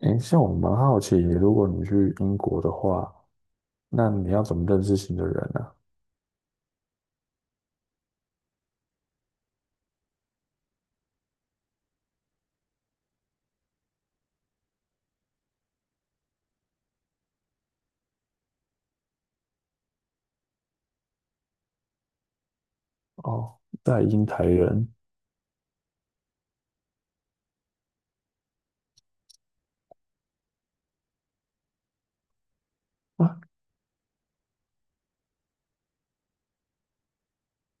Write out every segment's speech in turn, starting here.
诶，像我蛮好奇，如果你去英国的话，那你要怎么认识新的人呢？哦，在英台人啊。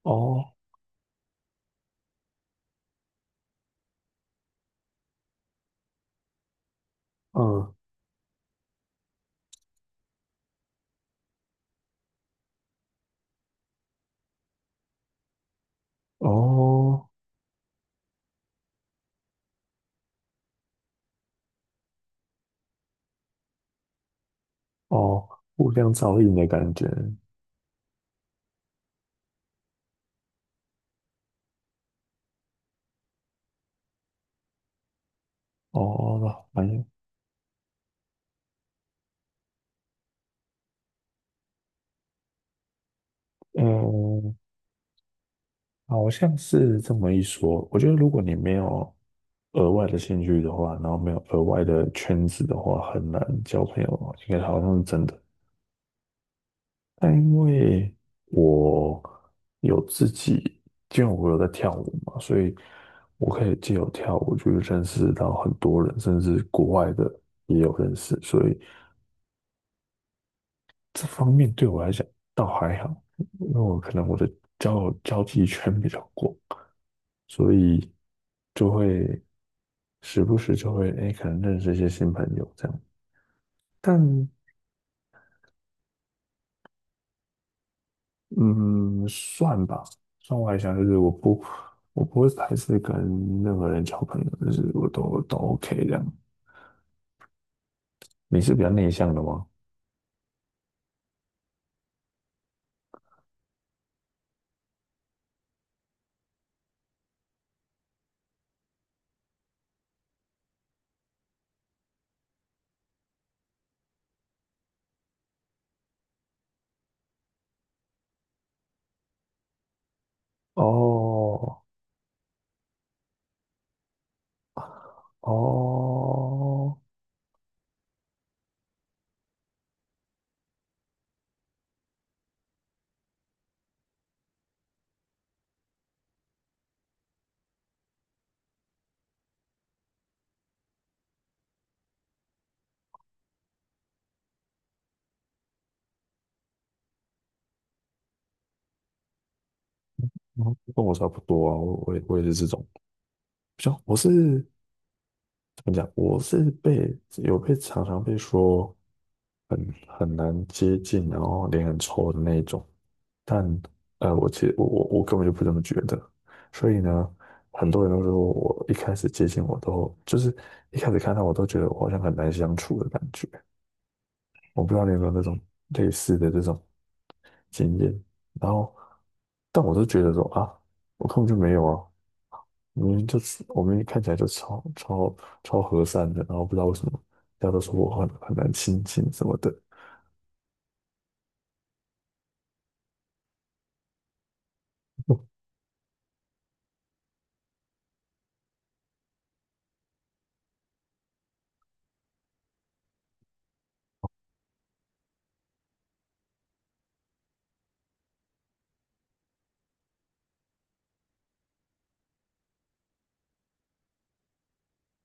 哦。嗯。哦。哦。互相照应的感觉。哦，反正。嗯。好像是这么一说。我觉得如果你没有额外的兴趣的话，然后没有额外的圈子的话，很难交朋友，应该好像是真的。但因为我有自己，因为我有在跳舞嘛，所以我可以借由跳舞去认识到很多人，甚至国外的也有认识，所以这方面对我来讲倒还好，因为我可能我的交友交际圈比较广，所以就会时不时就会可能认识一些新朋友这样。但嗯，算吧，算外向，就是我不会排斥跟任何人交朋友，就是我都 OK 这样。你是比较内向的吗？哦哦。嗯跟我差不多啊，我也是这种，像我是怎么讲，我是被有被常常被说。很难接近，然后脸很臭的那一种。但我其实我根本就不这么觉得，所以呢，很多人都说我一开始看到我都觉得我好像很难相处的感觉，我不知道你有没有那种类似的这种经验，然后但我都觉得说啊，我根本就没有啊，明明就是我们看起来就超和善的，然后不知道为什么大家都说我很难亲近什么的。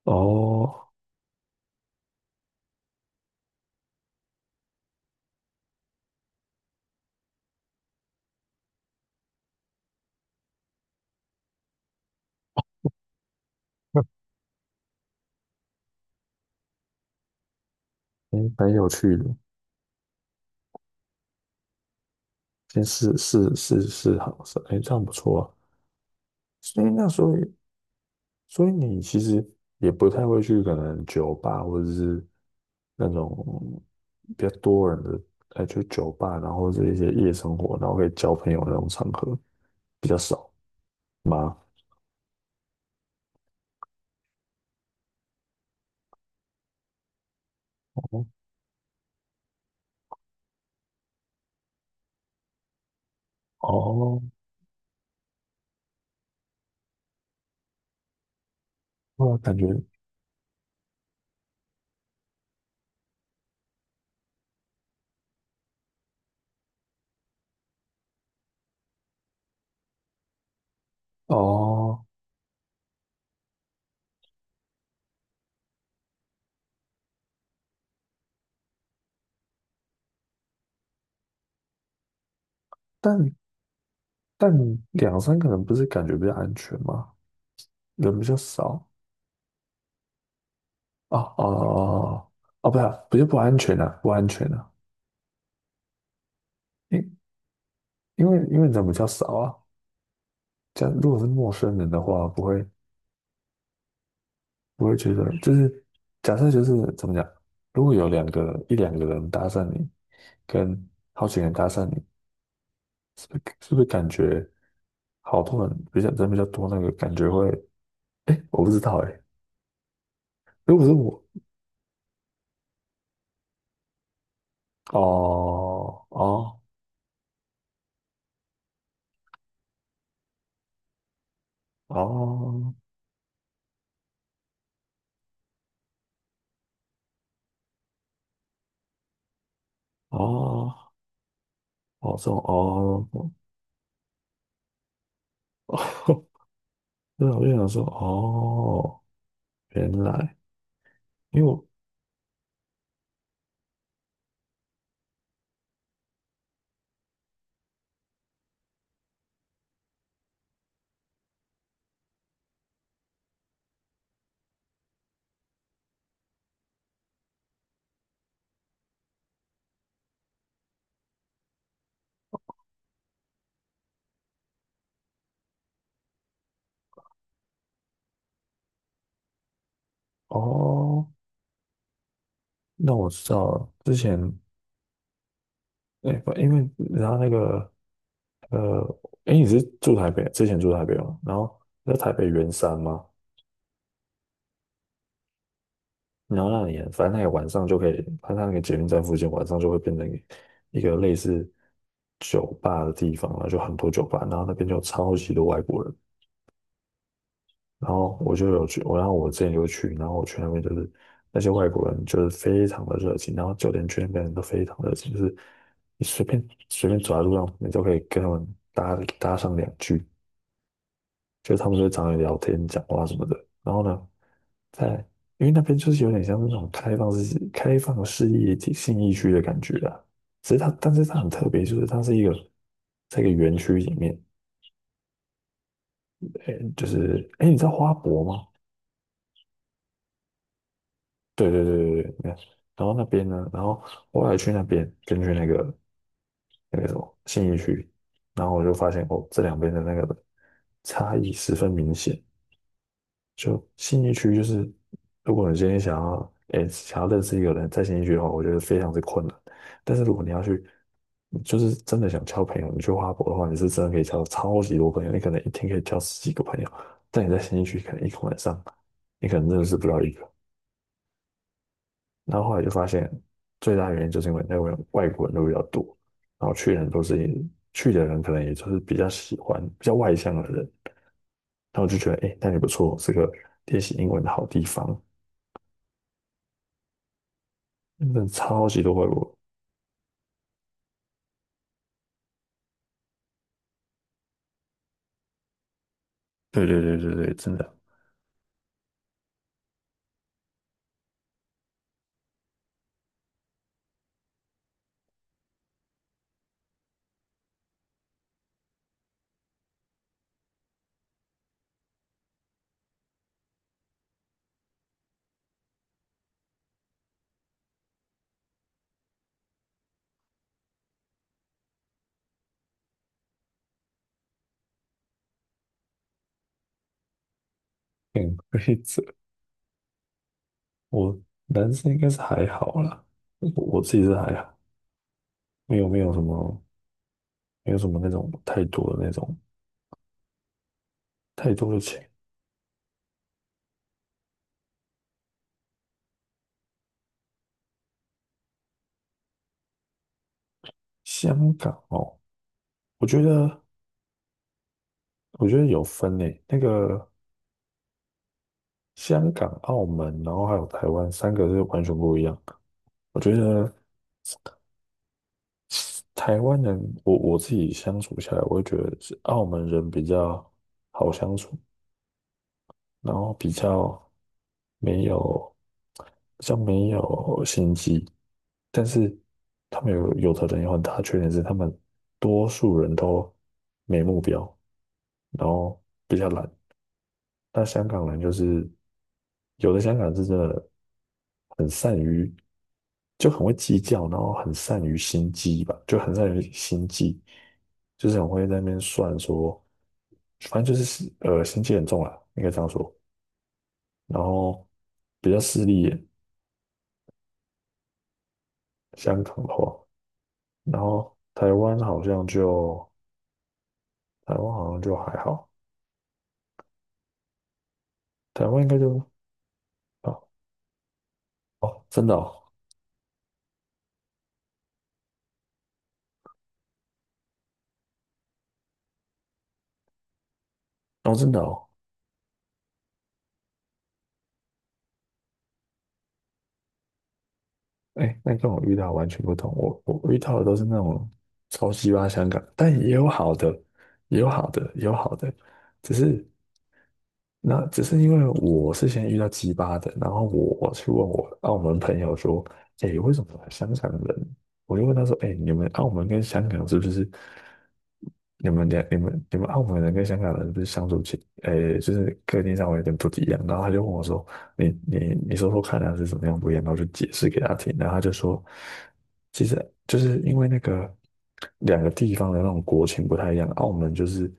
哦。哎，蛮有趣的。先试试好是，哎，这样不错啊。所以那所以所以你其实也不太会去可能酒吧或者是那种比较多人的，哎，就酒吧，然后是一些夜生活，然后可以交朋友的那种场合比较少吗？哦。那感觉哦。但但两三个人不是感觉比较安全吗？人比较少啊。哦哦哦。哦不是啊不是不安全啊，不安全啊。因因为人比较少啊，如果是陌生人的话，不会觉得就是假设就是怎么讲，如果有一两个人搭讪你，跟好几个人搭讪你，是不是感觉好多人比较人比较多那个感觉会，我不知道哎、如果是我哦哦哦哦哦这种哦哦。对啊我就想说哦，原来因为我哦。那我知道了，之前。哎，不因为然后那个呃，哎，你是住台北，之前住台北吗？然后在台北圆山吗？然后那里，反正那个晚上就可以，它那个捷运站附近晚上就会变成一个类似酒吧的地方，然后就很多酒吧，然后那边就有超级多外国人，然后我就有去，然后我之前有去，然后我去那边就是那些外国人就是非常的热情，然后酒店区那边人都非常热情，就是你随便走在路上，你都可以跟他们搭上2句。就他们就会找你聊天、讲话什么的。然后呢，在因为那边就是有点像是那种开放式、开放式业体信义区的感觉啊。只是它，但是它很特别，就是它是一个在一个园区里面，哎，就是哎，诶你知道花博吗？对对对对对，那然后那边呢，然后后来去那边，根据那个什么信义区，然后我就发现哦，这两边的那个差异十分明显。就信义区，就是如果你今天想要，诶、想要认识一个人，在信义区的话，我觉得非常之困难。但是如果你要去，你就是真的想交朋友，你去花博的话，你是真的可以交超级多朋友，你可能一天可以交十几个朋友。但你在信义区，可能一个晚上，你可能认识不到一个。然后后来就发现，最大原因就是因为那边外国人都比较多，然后去的人，可能也就是比较喜欢比较外向的人。然后我就觉得，哎、那里不错，是个练习英文的好地方。真的超级多外国人。对对对对对，真的。潜规则。我男生应该是还好啦，我自己是还好，没有什么没有什么那种太多的那种太多的钱。香港哦。我觉得我觉得有分诶，那个香港、澳门，然后还有台湾三个是完全不一样。我觉得台湾人，我自己相处下来，我会觉得是澳门人比较好相处，然后比较。没有，像没有心机，但是他们有的人有很大的缺点是，他们多数人都没目标，然后比较懒。那香港人就是有的香港人是真的很善于，就很会计较，然后很善于心机吧，就很善于心计，就是很会在那边算说，反正就是心机很重啦，应该这样说。然后比较势利眼，香港的话，然后台湾好像就还好，台湾应该就哦哦真的哦哦真的哦。哎，那跟我遇到完全不同，我遇到的都是那种超级巴香港，但也有好的，也有好的，也有好的，只是。那只是因为我是先遇到鸡巴的，然后我去问我澳门朋友说，哎，为什么香港人？我就问他说，哎，你们澳门跟香港是不是你们两你们你们澳门人跟香港人是不是相处起，哎，就是个性上有点不一样？然后他就问我说，你你说说看他是怎么样不一样，然后就解释给他听，然后他就说，其实就是因为那个2个地方的那种国情不太一样，澳门就是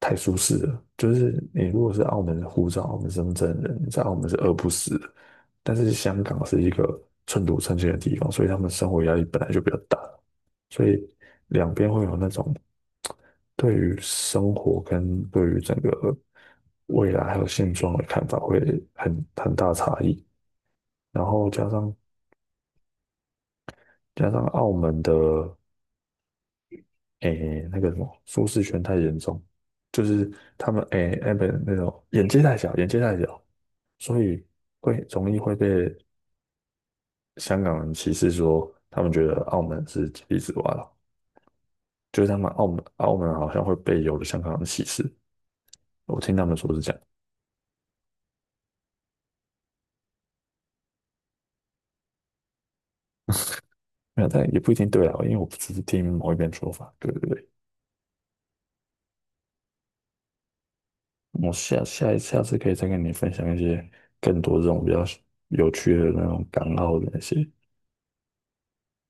太舒适了，就是你如果是澳门的护照、澳门身份证的人，你在澳门是饿不死的，但是香港是一个寸土寸金的地方，所以他们生活压力本来就比较大，所以。两边会有那种对于生活跟对于整个未来还有现状的看法会很大差异。然后加上澳门的诶那个什么舒适圈太严重，就是他们诶那边那种眼界太小，眼界太小，所以会容易会被香港人歧视说他们觉得澳门是井底之蛙了，就是他们澳门好像会被有的香港人歧视，我听他们说是这样。没有，但也不一定对啊，因为我只是听某一边说法。对对对。我下次可以再跟你分享一些更多这种比较有趣的那种港澳的那些。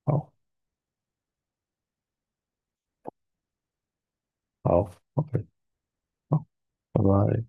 好。好，OK,好，拜拜。